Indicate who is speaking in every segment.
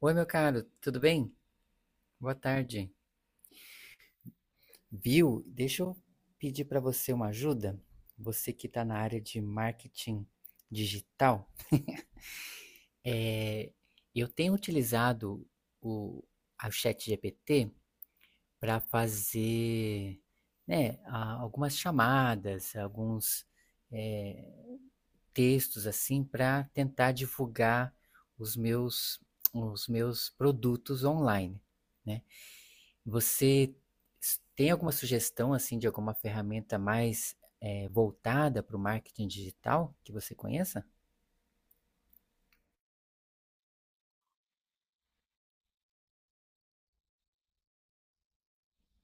Speaker 1: Oi, meu caro, tudo bem? Boa tarde. Viu? Deixa eu pedir para você uma ajuda. Você que está na área de marketing digital, é, eu tenho utilizado o, a chat GPT para fazer, né, algumas chamadas, alguns é, textos assim para tentar divulgar os meus, os meus produtos online, né? Você tem alguma sugestão assim de alguma ferramenta mais voltada para o marketing digital que você conheça?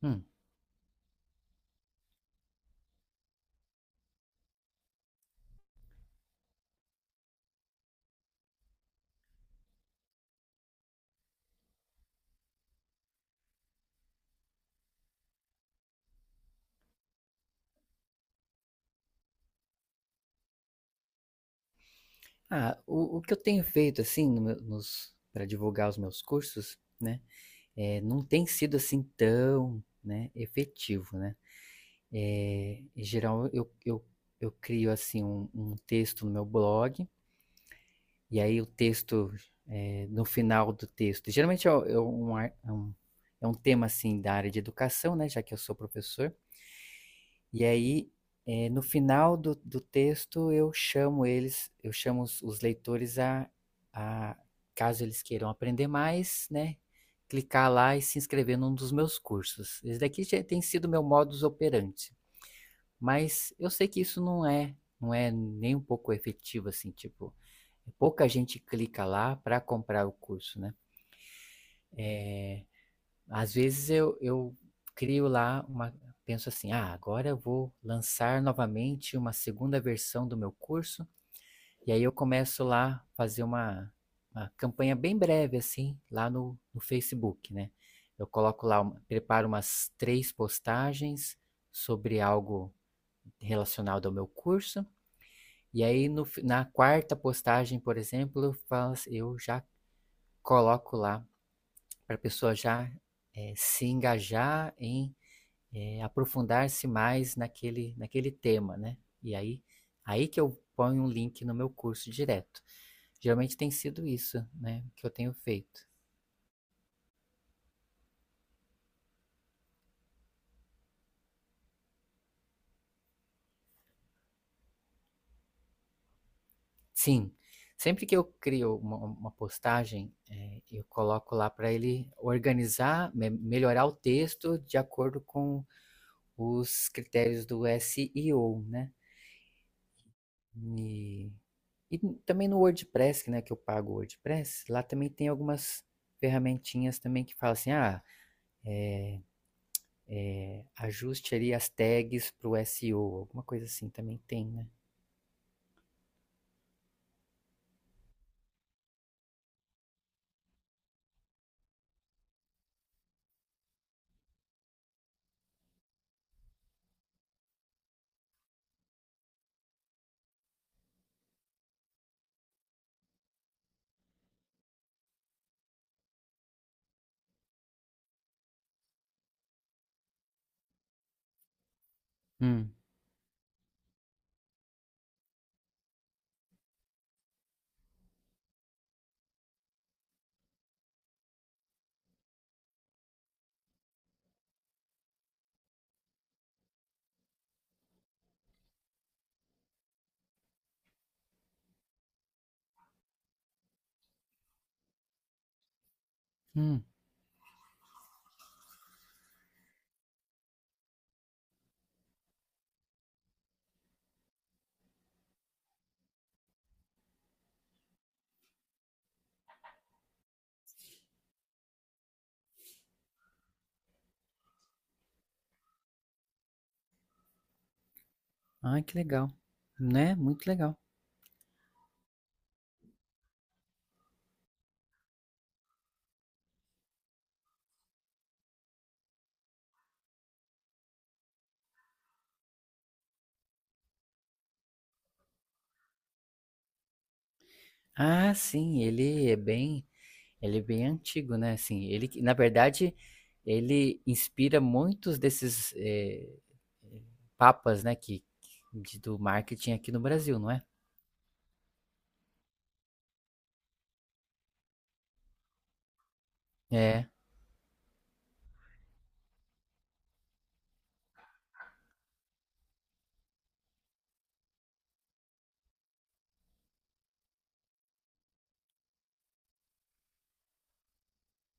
Speaker 1: Hum. Ah, o que eu tenho feito assim no nos para divulgar os meus cursos, né, não tem sido assim tão, né, efetivo, né? Eh, em geral eu crio assim um texto no meu blog. E aí o texto, eh, no final do texto, geralmente é um, é um tema assim da área de educação, né, já que eu sou professor. E aí, eh, no final do, do texto, eu chamo eles, eu chamo os leitores a, caso eles queiram aprender mais, né, clicar lá e se inscrever num dos meus cursos. Esse daqui já tem sido meu modus operandi, mas eu sei que isso não é, não é nem um pouco efetivo, assim, tipo, pouca gente clica lá para comprar o curso, né? Às vezes eu crio lá uma. Penso assim, ah, agora eu vou lançar novamente uma segunda versão do meu curso. E aí eu começo lá a fazer uma campanha bem breve, assim, lá no, no Facebook, né? Eu coloco lá, preparo umas três postagens sobre algo relacionado ao meu curso. E aí, no na quarta postagem, por exemplo, eu já coloco lá para a pessoa já se engajar em aprofundar-se mais naquele tema, né? E aí, aí que eu ponho um link no meu curso direto. Geralmente tem sido isso, né, que eu tenho feito. Sim, sempre que eu crio uma postagem, eu coloco lá para ele organizar, melhorar o texto de acordo com os critérios do SEO, né? E, e também no WordPress, né, que eu pago o WordPress, lá também tem algumas ferramentinhas também que falam assim, ah, ajuste ali as tags pro SEO, alguma coisa assim também tem, né? Hum, hum, ai que legal, né? Muito legal. Ah, sim, ele é bem antigo, né? Assim, na verdade, ele inspira muitos desses papas, né, do marketing aqui no Brasil, não é? É.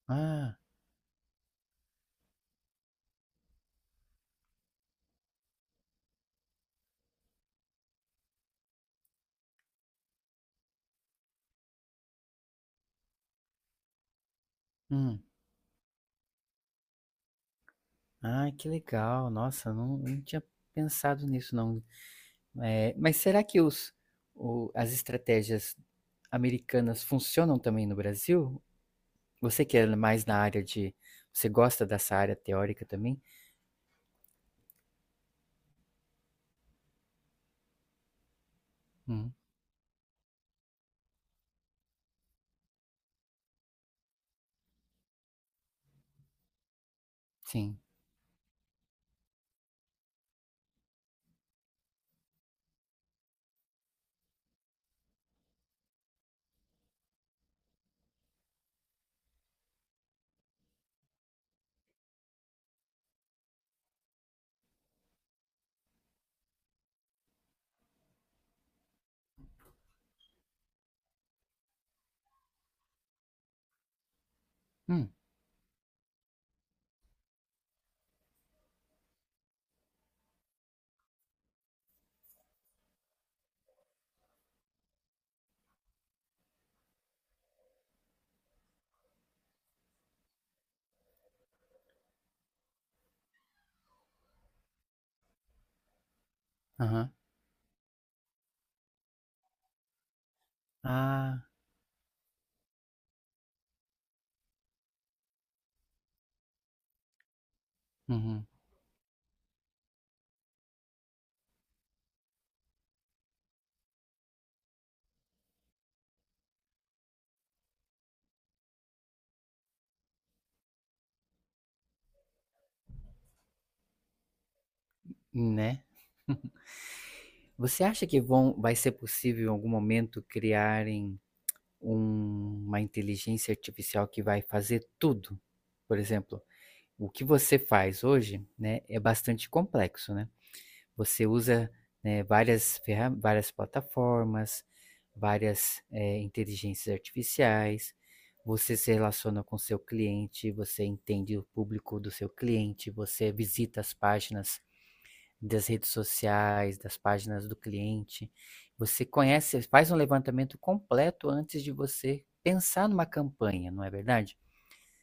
Speaker 1: Ah, hum. Ah, que legal. Nossa, eu não, não tinha pensado nisso, não. É, mas será que as estratégias americanas funcionam também no Brasil? Você que é mais na área de. Você gosta dessa área teórica também? Hum, sim. Hum, aham. Ah, uhum. Né? Você acha que vai ser possível em algum momento criarem uma inteligência artificial que vai fazer tudo? Por exemplo, o que você faz hoje, né, é bastante complexo, né? Você usa, né, várias plataformas, várias, eh, inteligências artificiais, você se relaciona com seu cliente, você entende o público do seu cliente, você visita as páginas das redes sociais, das páginas do cliente. Você conhece, faz um levantamento completo antes de você pensar numa campanha, não é verdade?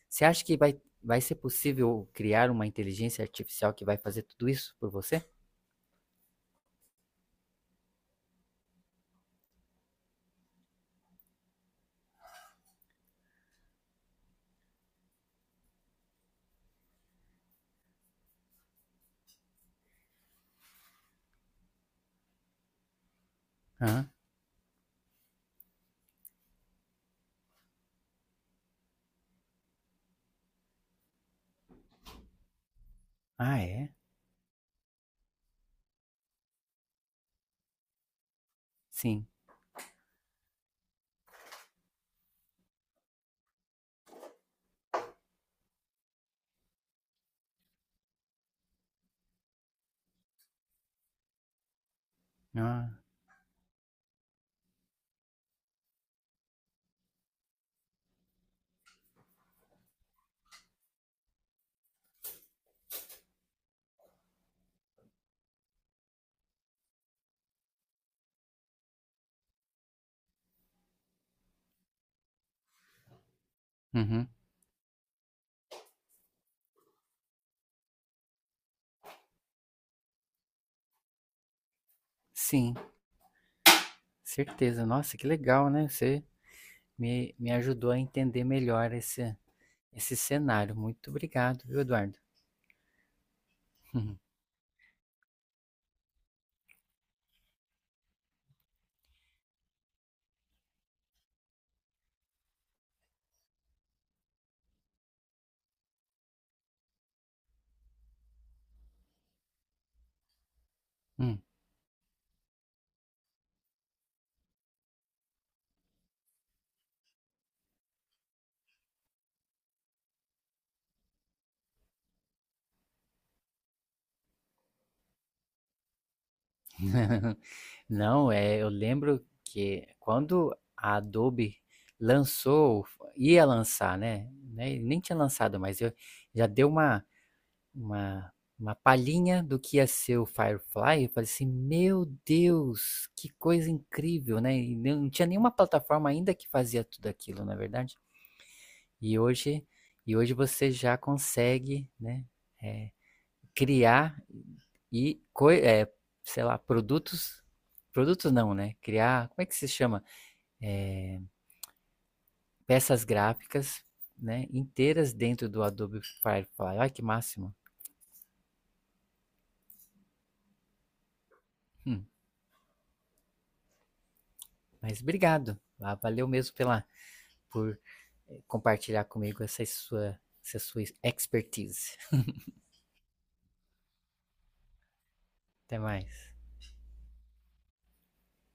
Speaker 1: Você acha que vai ser possível criar uma inteligência artificial que vai fazer tudo isso por você? Ah, ah, é? Sim. Ah, uhum. Sim, certeza. Nossa, que legal, né? Você me ajudou a entender melhor esse cenário. Muito obrigado, viu, Eduardo? Hum. Não, é, eu lembro que quando a Adobe lançou, ia lançar, né? Nem tinha lançado, mas eu já deu uma, uma palhinha do que ia ser o Firefly, eu falei assim, meu Deus, que coisa incrível, né? E não tinha nenhuma plataforma ainda que fazia tudo aquilo, na verdade. E hoje, e hoje você já consegue, né, é, criar e, co é, sei lá, produtos não, né? Criar, como é que se chama? Peças gráficas, né, inteiras dentro do Adobe Firefly. Olha que máximo. Hum, mas obrigado. Ah, valeu mesmo pela por compartilhar comigo essa sua expertise. Até mais.